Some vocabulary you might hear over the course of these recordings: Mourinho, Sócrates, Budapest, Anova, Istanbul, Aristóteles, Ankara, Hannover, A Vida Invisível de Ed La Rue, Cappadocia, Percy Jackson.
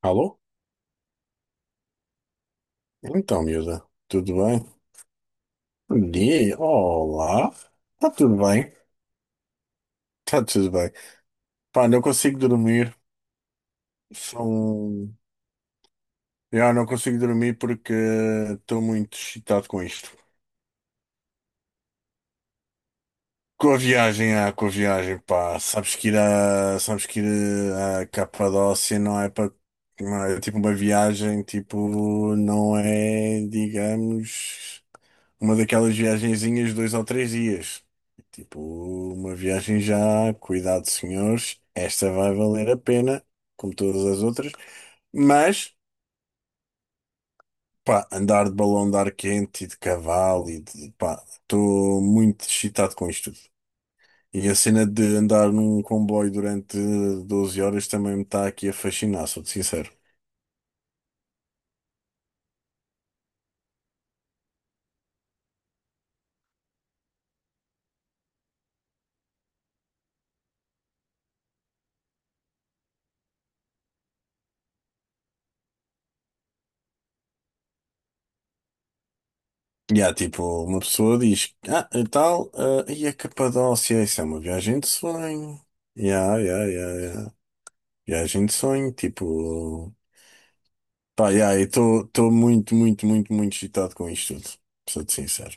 Alô? Então, miúda, tudo bem? Bom dia, olá. Está tudo bem? Está tudo bem. Pá, não consigo dormir. São. Eu não consigo dormir porque estou muito excitado com isto. Com a viagem, ah, com a viagem, pá. Sabes que ir a Capadócia não é para. Não é tipo uma viagem, tipo, não é, digamos. Uma daquelas viagenzinhas de 2 ou 3 dias. Tipo, uma viagem já, cuidado, senhores, esta vai valer a pena, como todas as outras. Mas, pá, andar de balão de ar quente e de cavalo e de, pá, estou muito excitado com isto tudo. E a cena de andar num comboio durante 12 horas também me está aqui a fascinar, sou-te sincero. E há tipo, uma pessoa diz, ah, e tal, ah, e a Capadócia, isso é uma viagem de sonho. Yeah, yeah, yeah, yeah. Viagem de sonho, tipo. Pá, yeah, eu estou muito, muito, muito, muito excitado com isto tudo. Sou-te sincero.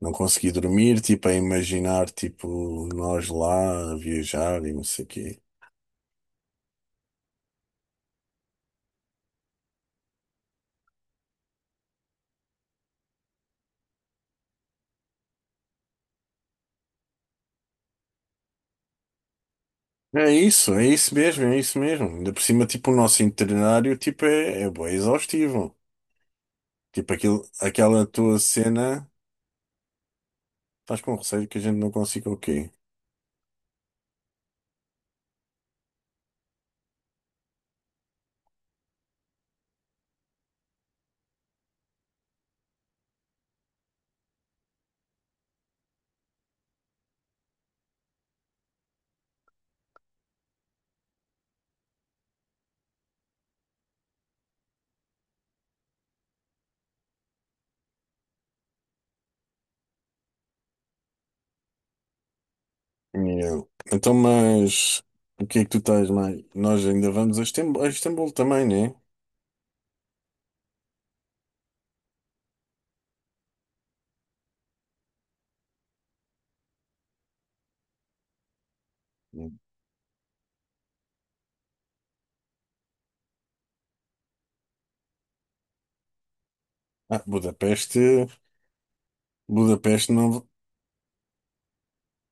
Não consegui dormir, tipo, a imaginar, tipo, nós lá a viajar e não sei o quê. É isso mesmo, é isso mesmo. Ainda por cima, tipo, o nosso itinerário, tipo, é bué exaustivo. Tipo, aquilo, aquela tua cena, estás com receio que a gente não consiga o quê? Yeah. Então, mas, o que é que tu estás mais? Nós ainda vamos a Istambul, também, né? Ah, Budapeste. Budapeste não.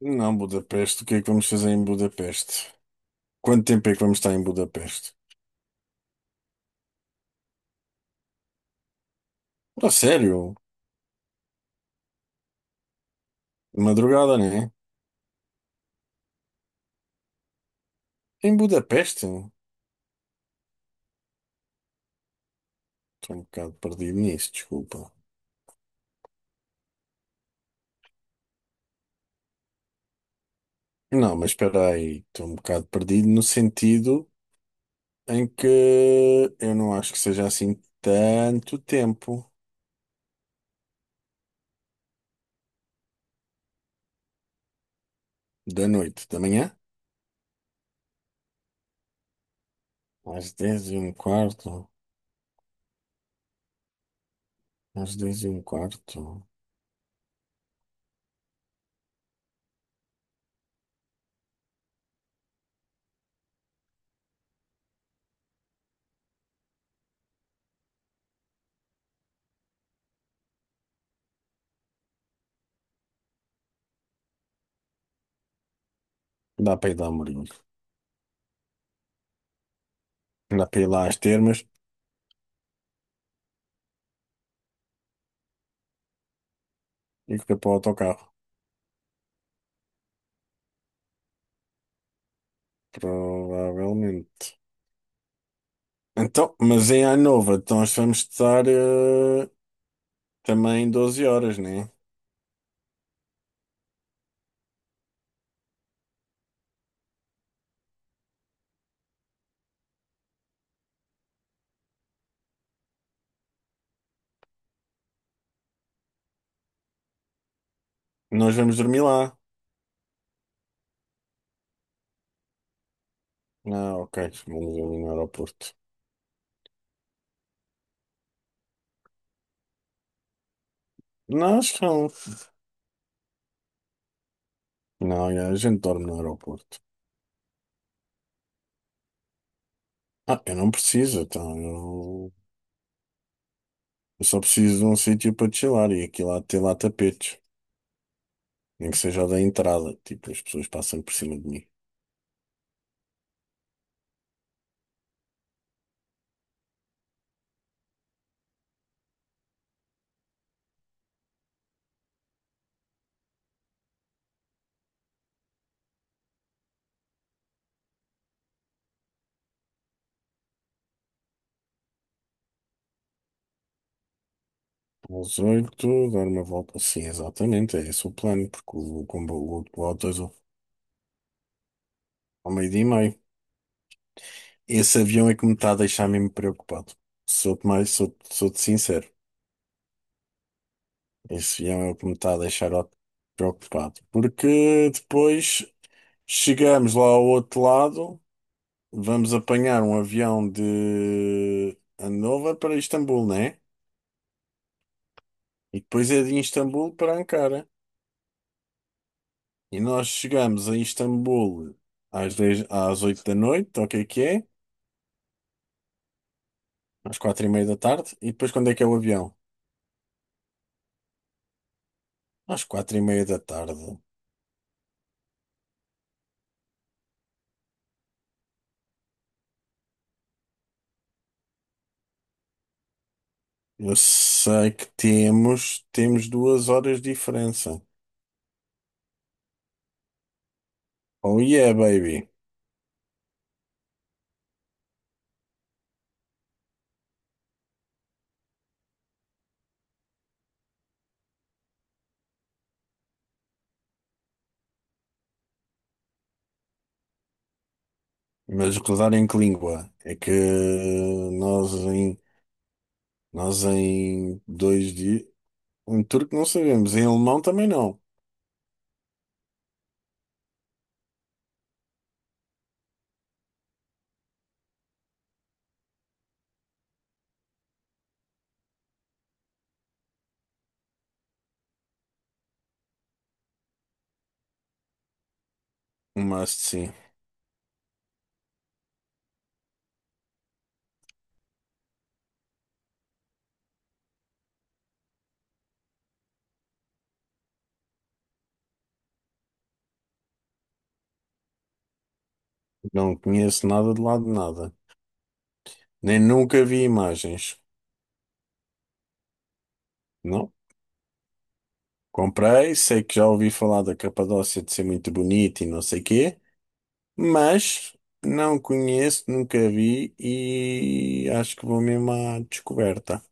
Não, Budapeste. O que é que vamos fazer em Budapeste? Quanto tempo é que vamos estar em Budapeste? Ah, sério? De madrugada, né? Em Budapeste? Estou um bocado perdido nisso, desculpa. Não, mas espera aí. Estou um bocado perdido no sentido em que eu não acho que seja assim tanto tempo. Da noite, da manhã? Às 10h15. Às dez e um quarto. Dá para ir lá, a Mourinho. Dá para ir lá às termas. E fica para o autocarro, provavelmente. Então, mas em Anova, então nós vamos estar eh, também 12 horas, né? Nós vamos dormir lá. Ah, ok, vamos dormir no aeroporto. Nós não. Não, é, a gente dorme no aeroporto. Ah, eu não preciso, então eu só preciso de um sítio para chilar e aqui lá ter lá tapetes. Nem que seja o da entrada, tipo, as pessoas passam por cima de mim. Às oito, dar uma volta. Sim, exatamente, é esse o plano, porque o comboio, o ao meio-dia e meio. Esse avião é que me está a deixar mesmo preocupado. Sou-te mais, sou-te sincero. Esse avião é o que me está a deixar preocupado. Porque depois chegamos lá ao outro lado, vamos apanhar um avião de Hannover para Istambul, né? E depois é de Istambul para Ankara. E nós chegamos a Istambul às 10, às 8 da noite, ou o que é que é? Às 4h30 da tarde. E depois quando é que é o avião? Às 4 e meia da tarde. Eu sei que temos, temos 2 horas de diferença. Oh yeah, baby. Mas rodar em que língua? É que nós em 2 dias. Em turco não sabemos, em alemão também não. Mas sim, não conheço nada de lado de nada. Nem nunca vi imagens. Não? Comprei, sei que já ouvi falar da Capadócia de ser muito bonita e não sei quê, mas não conheço, nunca vi e acho que vou mesmo à descoberta.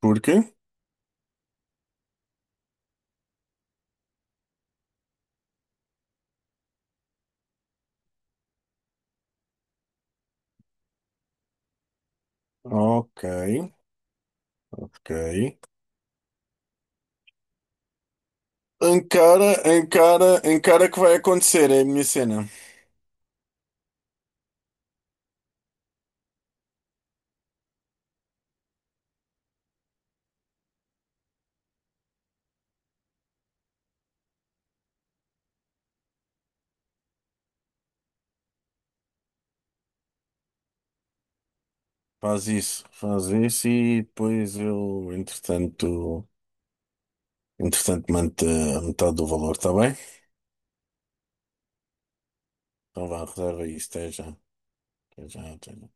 Porque? Ok, ok. Encara, encara, encara que vai acontecer, é a minha cena. Faz isso e depois eu, entretanto, mando a metade do valor, está bem? Então vá, reserva isso, até já. Até já, até já.